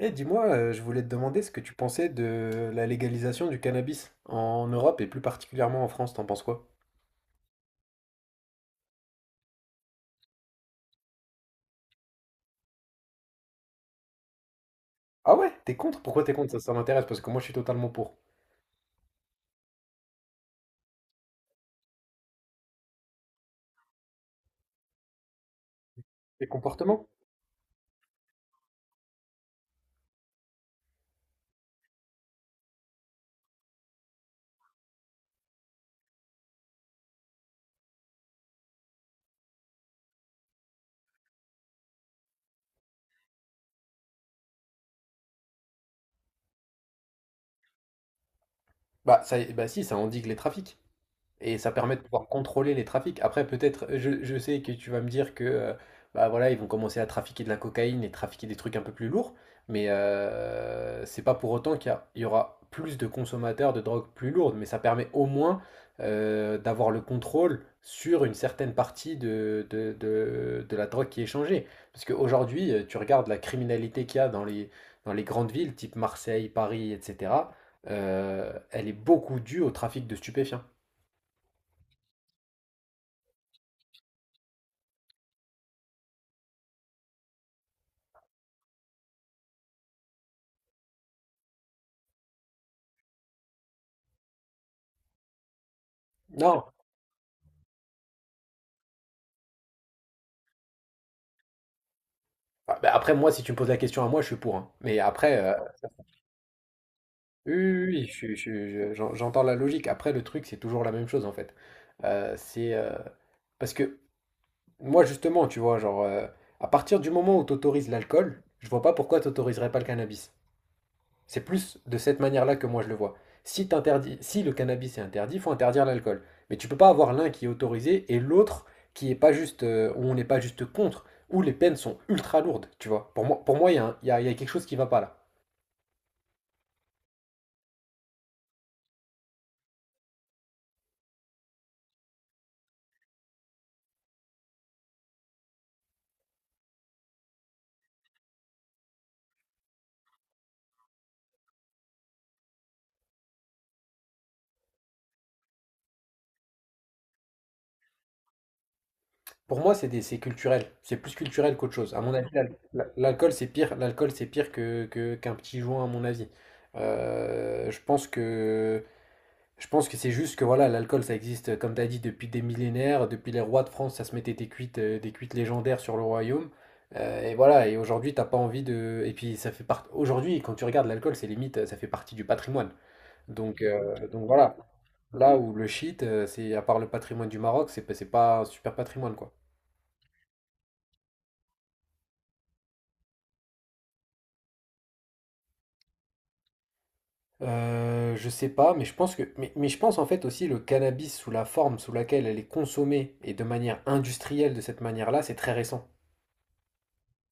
Eh, dis-moi, je voulais te demander ce que tu pensais de la légalisation du cannabis en Europe et plus particulièrement en France, t'en penses quoi? Ah ouais, t'es contre? Pourquoi t'es contre? Ça m'intéresse parce que moi je suis totalement pour. Les comportements? Bah, ça, bah si, ça endigue les trafics. Et ça permet de pouvoir contrôler les trafics. Après, peut-être, je sais que tu vas me dire que bah voilà, ils vont commencer à trafiquer de la cocaïne et trafiquer des trucs un peu plus lourds, mais c'est pas pour autant il y aura plus de consommateurs de drogues plus lourdes, mais ça permet au moins d'avoir le contrôle sur une certaine partie de la drogue qui est échangée. Parce qu'aujourd'hui, tu regardes la criminalité qu'il y a dans les grandes villes, type Marseille, Paris, etc., elle est beaucoup due au trafic de stupéfiants. Non. Ah, bah, après, moi, si tu me poses la question à moi, je suis pour, hein. Mais après, oui, oui, oui, je suis- je suis- je- j'en- j'entends la logique. Après, le truc, c'est toujours la même chose, en fait. C'est parce que moi, justement, tu vois, genre, à partir du moment où tu autorises l'alcool, je vois pas pourquoi tu n'autoriserais pas le cannabis. C'est plus de cette manière-là que moi je le vois. Si, si le cannabis est interdit, il faut interdire l'alcool. Mais tu ne peux pas avoir l'un qui est autorisé et l'autre qui est pas juste, où on n'est pas juste contre, où les peines sont ultra lourdes, tu vois. Pour moi, il y, a il y a il y a quelque chose qui ne va pas là. Pour moi, c'est culturel. C'est plus culturel qu'autre chose. À mon avis, l'alcool, c'est pire. L'alcool, c'est pire qu'un petit joint, à mon avis. Euh, je pense que Je pense que c'est juste que voilà, l'alcool, ça existe, comme tu as dit, depuis des millénaires. Depuis les rois de France, ça se mettait des cuites légendaires sur le royaume. Et voilà, et aujourd'hui, t'as pas envie de. Et puis, ça fait partie. Aujourd'hui, quand tu regardes l'alcool, c'est limite, ça fait partie du patrimoine. Donc, voilà, là où le shit, c'est à part le patrimoine du Maroc, c'est pas un super patrimoine, quoi. Je sais pas, mais je pense que, mais je pense en fait aussi le cannabis sous la forme sous laquelle elle est consommée et de manière industrielle de cette manière-là, c'est très récent.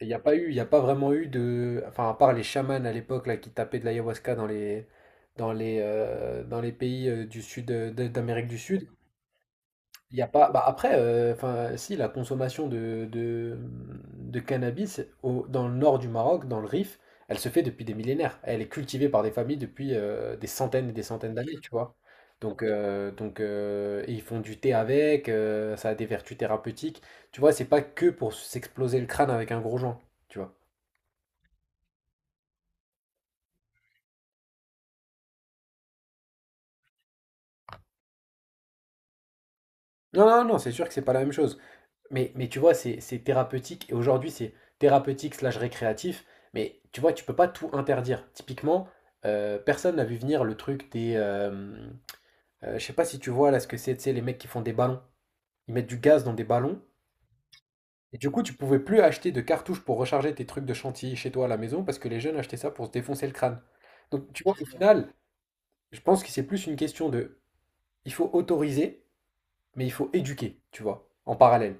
Et il n'y a pas eu, il y a pas vraiment eu de, enfin à part les chamans à l'époque là qui tapaient de l'ayahuasca dans les, dans les pays du sud d'Amérique du Sud, il y a pas. Bah après, enfin si la consommation de cannabis dans le nord du Maroc, dans le Rif, elle se fait depuis des millénaires. Elle est cultivée par des familles depuis des centaines et des centaines d'années, tu vois. Donc, et ils font du thé avec, ça a des vertus thérapeutiques. Tu vois, c'est pas que pour s'exploser le crâne avec un gros joint, tu vois. Non, non, non, c'est sûr que c'est pas la même chose. Mais tu vois, c'est thérapeutique. Et aujourd'hui, c'est thérapeutique slash récréatif. Mais tu vois, tu peux pas tout interdire. Typiquement, personne n'a vu venir le truc des. Je sais pas si tu vois là ce que c'est, tu sais, les mecs qui font des ballons. Ils mettent du gaz dans des ballons. Et du coup, tu pouvais plus acheter de cartouches pour recharger tes trucs de chantilly chez toi à la maison parce que les jeunes achetaient ça pour se défoncer le crâne. Donc, tu vois, au final, je pense que c'est plus une question de. Il faut autoriser mais il faut éduquer, tu vois, en parallèle.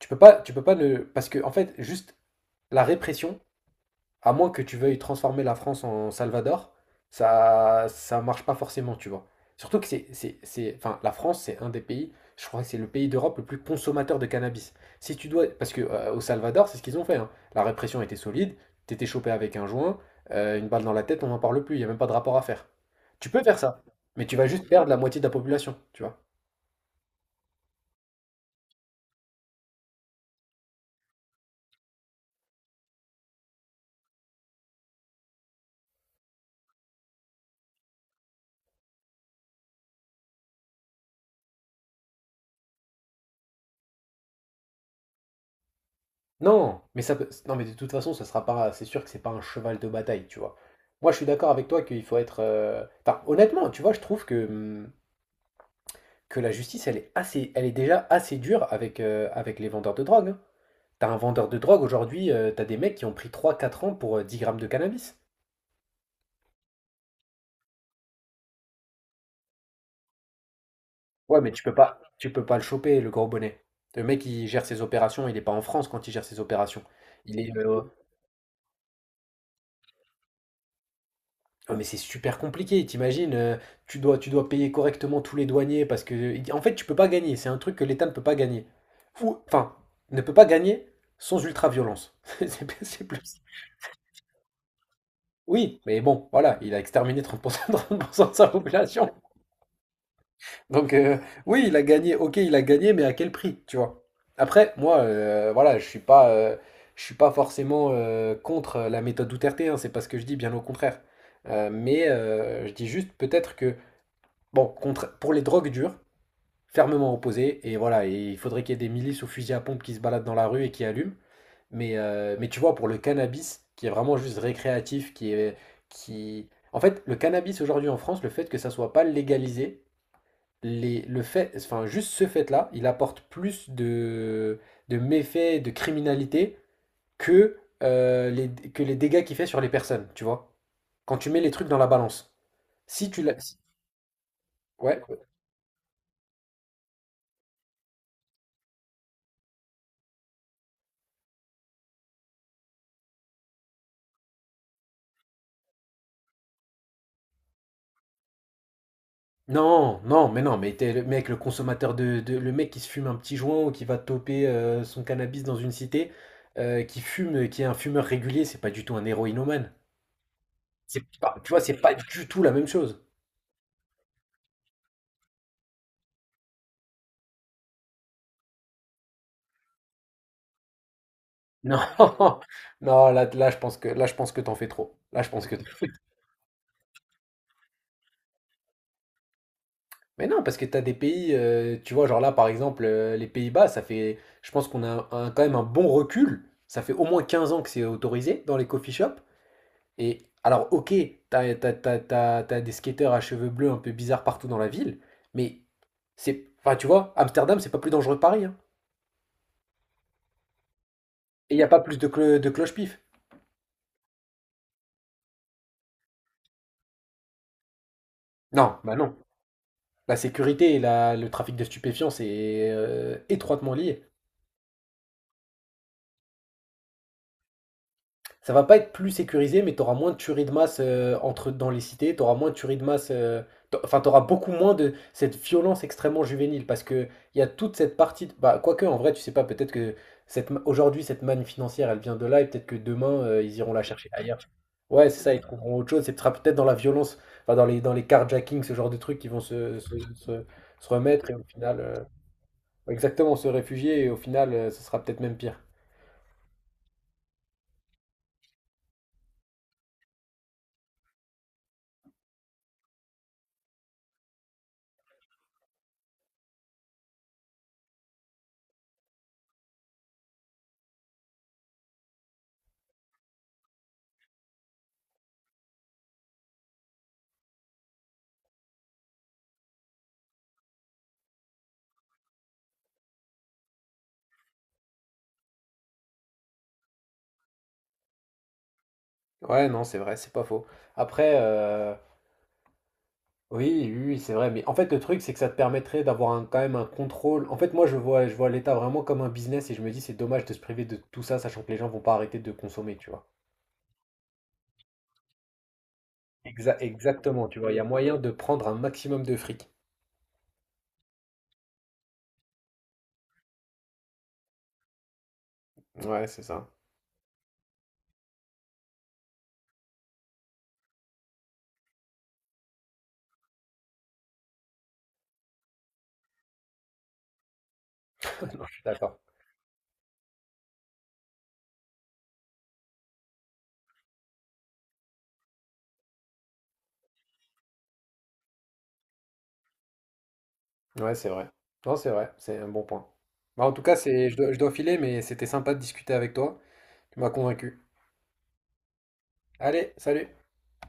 Tu peux pas ne... Parce que, en fait, juste la répression, à moins que tu veuilles transformer la France en Salvador, ça marche pas forcément, tu vois. Surtout que enfin, la France, c'est un des pays, je crois que c'est le pays d'Europe le plus consommateur de cannabis. Si tu dois, parce que au Salvador, c'est ce qu'ils ont fait, hein. La répression était solide, t'étais chopé avec un joint, une balle dans la tête, on n'en parle plus, il n'y a même pas de rapport à faire. Tu peux faire ça, mais tu vas juste perdre la moitié de la population, tu vois. Non, mais ça peut... non, mais de toute façon, ce sera pas. C'est sûr que c'est pas un cheval de bataille, tu vois. Moi, je suis d'accord avec toi qu'il faut être. Enfin, honnêtement, tu vois, je trouve que la justice, elle est déjà assez dure avec avec les vendeurs de drogue, hein. T'as un vendeur de drogue aujourd'hui, t'as des mecs qui ont pris trois quatre ans pour 10 grammes de cannabis. Ouais, mais tu peux pas le choper, le gros bonnet. Le mec, il gère ses opérations, il est pas en France quand il gère ses opérations. Il est, euh, Ah, mais c'est super compliqué, t'imagines, tu dois payer correctement tous les douaniers parce que, en fait, tu peux pas gagner, c'est un truc que l'État ne peut pas gagner. Ou, enfin, ne peut pas gagner sans ultra-violence. C'est plus. Oui, mais bon, voilà, il a exterminé 30%, 30 % de sa population. Donc, euh, oui, il a gagné, ok, il a gagné, mais à quel prix, tu vois? Après, moi, voilà, je suis pas forcément contre la méthode Duterte, hein, c'est pas ce que je dis, bien au contraire. Mais je dis juste peut-être que. Bon, contre, pour les drogues dures, fermement opposé. Et voilà, et il faudrait qu'il y ait des milices aux fusils à pompe qui se baladent dans la rue et qui allument. Mais tu vois, pour le cannabis, qui est vraiment juste récréatif, qui est, qui... En fait, le cannabis aujourd'hui en France, le fait que ça soit pas légalisé, le fait, enfin, juste ce fait-là, il apporte plus de, méfaits, de criminalité que les dégâts qu'il fait sur les personnes, tu vois. Quand tu mets les trucs dans la balance. Si tu la... si- Ouais. Non, non, mais non, mais t'es le mec, le consommateur le mec qui se fume un petit joint ou qui va toper son cannabis dans une cité, qui fume, qui est un fumeur régulier, c'est pas du tout un héroïnomane. C'est pas, tu vois, c'est pas du tout la même chose. Non, non, là, là, je pense que, là, je pense que t'en fais trop. Là, je pense que. Mais non, parce que t'as des pays, tu vois, genre là, par exemple, les Pays-Bas, ça fait, je pense qu'on a quand même un bon recul. Ça fait au moins 15 ans que c'est autorisé dans les coffee shops. Et alors, ok, t'as des skateurs à cheveux bleus un peu bizarres partout dans la ville, mais c'est. Enfin, tu vois, Amsterdam, c'est pas plus dangereux que Paris, hein. Et il n'y a pas plus de cloche-pif. Non, bah non. La sécurité et le trafic de stupéfiants, c'est étroitement lié. Ça va pas être plus sécurisé, mais tu auras moins de tueries de masse dans les cités, tu auras moins de tueries de masse, enfin tu auras beaucoup moins de cette violence extrêmement juvénile, parce que il y a toute cette partie, bah, quoique en vrai tu sais pas, peut-être que aujourd'hui cette manne financière elle vient de là, et peut-être que demain ils iront la chercher ailleurs. Ouais, c'est ça, ils trouveront autre chose, et ce sera peut-être dans la violence, enfin dans les carjackings, ce genre de trucs qui vont se remettre, et au final, exactement, se réfugier, et au final ce sera peut-être même pire. Ouais, non, c'est vrai, c'est pas faux. Après, oui, oui, oui, c'est vrai. Mais en fait, le truc, c'est que ça te permettrait d'avoir quand même un contrôle. En fait, moi, je vois l'État vraiment comme un business et je me dis, c'est dommage de se priver de tout ça, sachant que les gens vont pas arrêter de consommer, tu vois. Exactement, tu vois. Il y a moyen de prendre un maximum de fric. Ouais, c'est ça. Non, je suis d'accord. Ouais, c'est vrai. Non, c'est vrai. C'est un bon point. Bah, en tout cas, je dois filer, mais c'était sympa de discuter avec toi. Tu m'as convaincu. Allez, salut.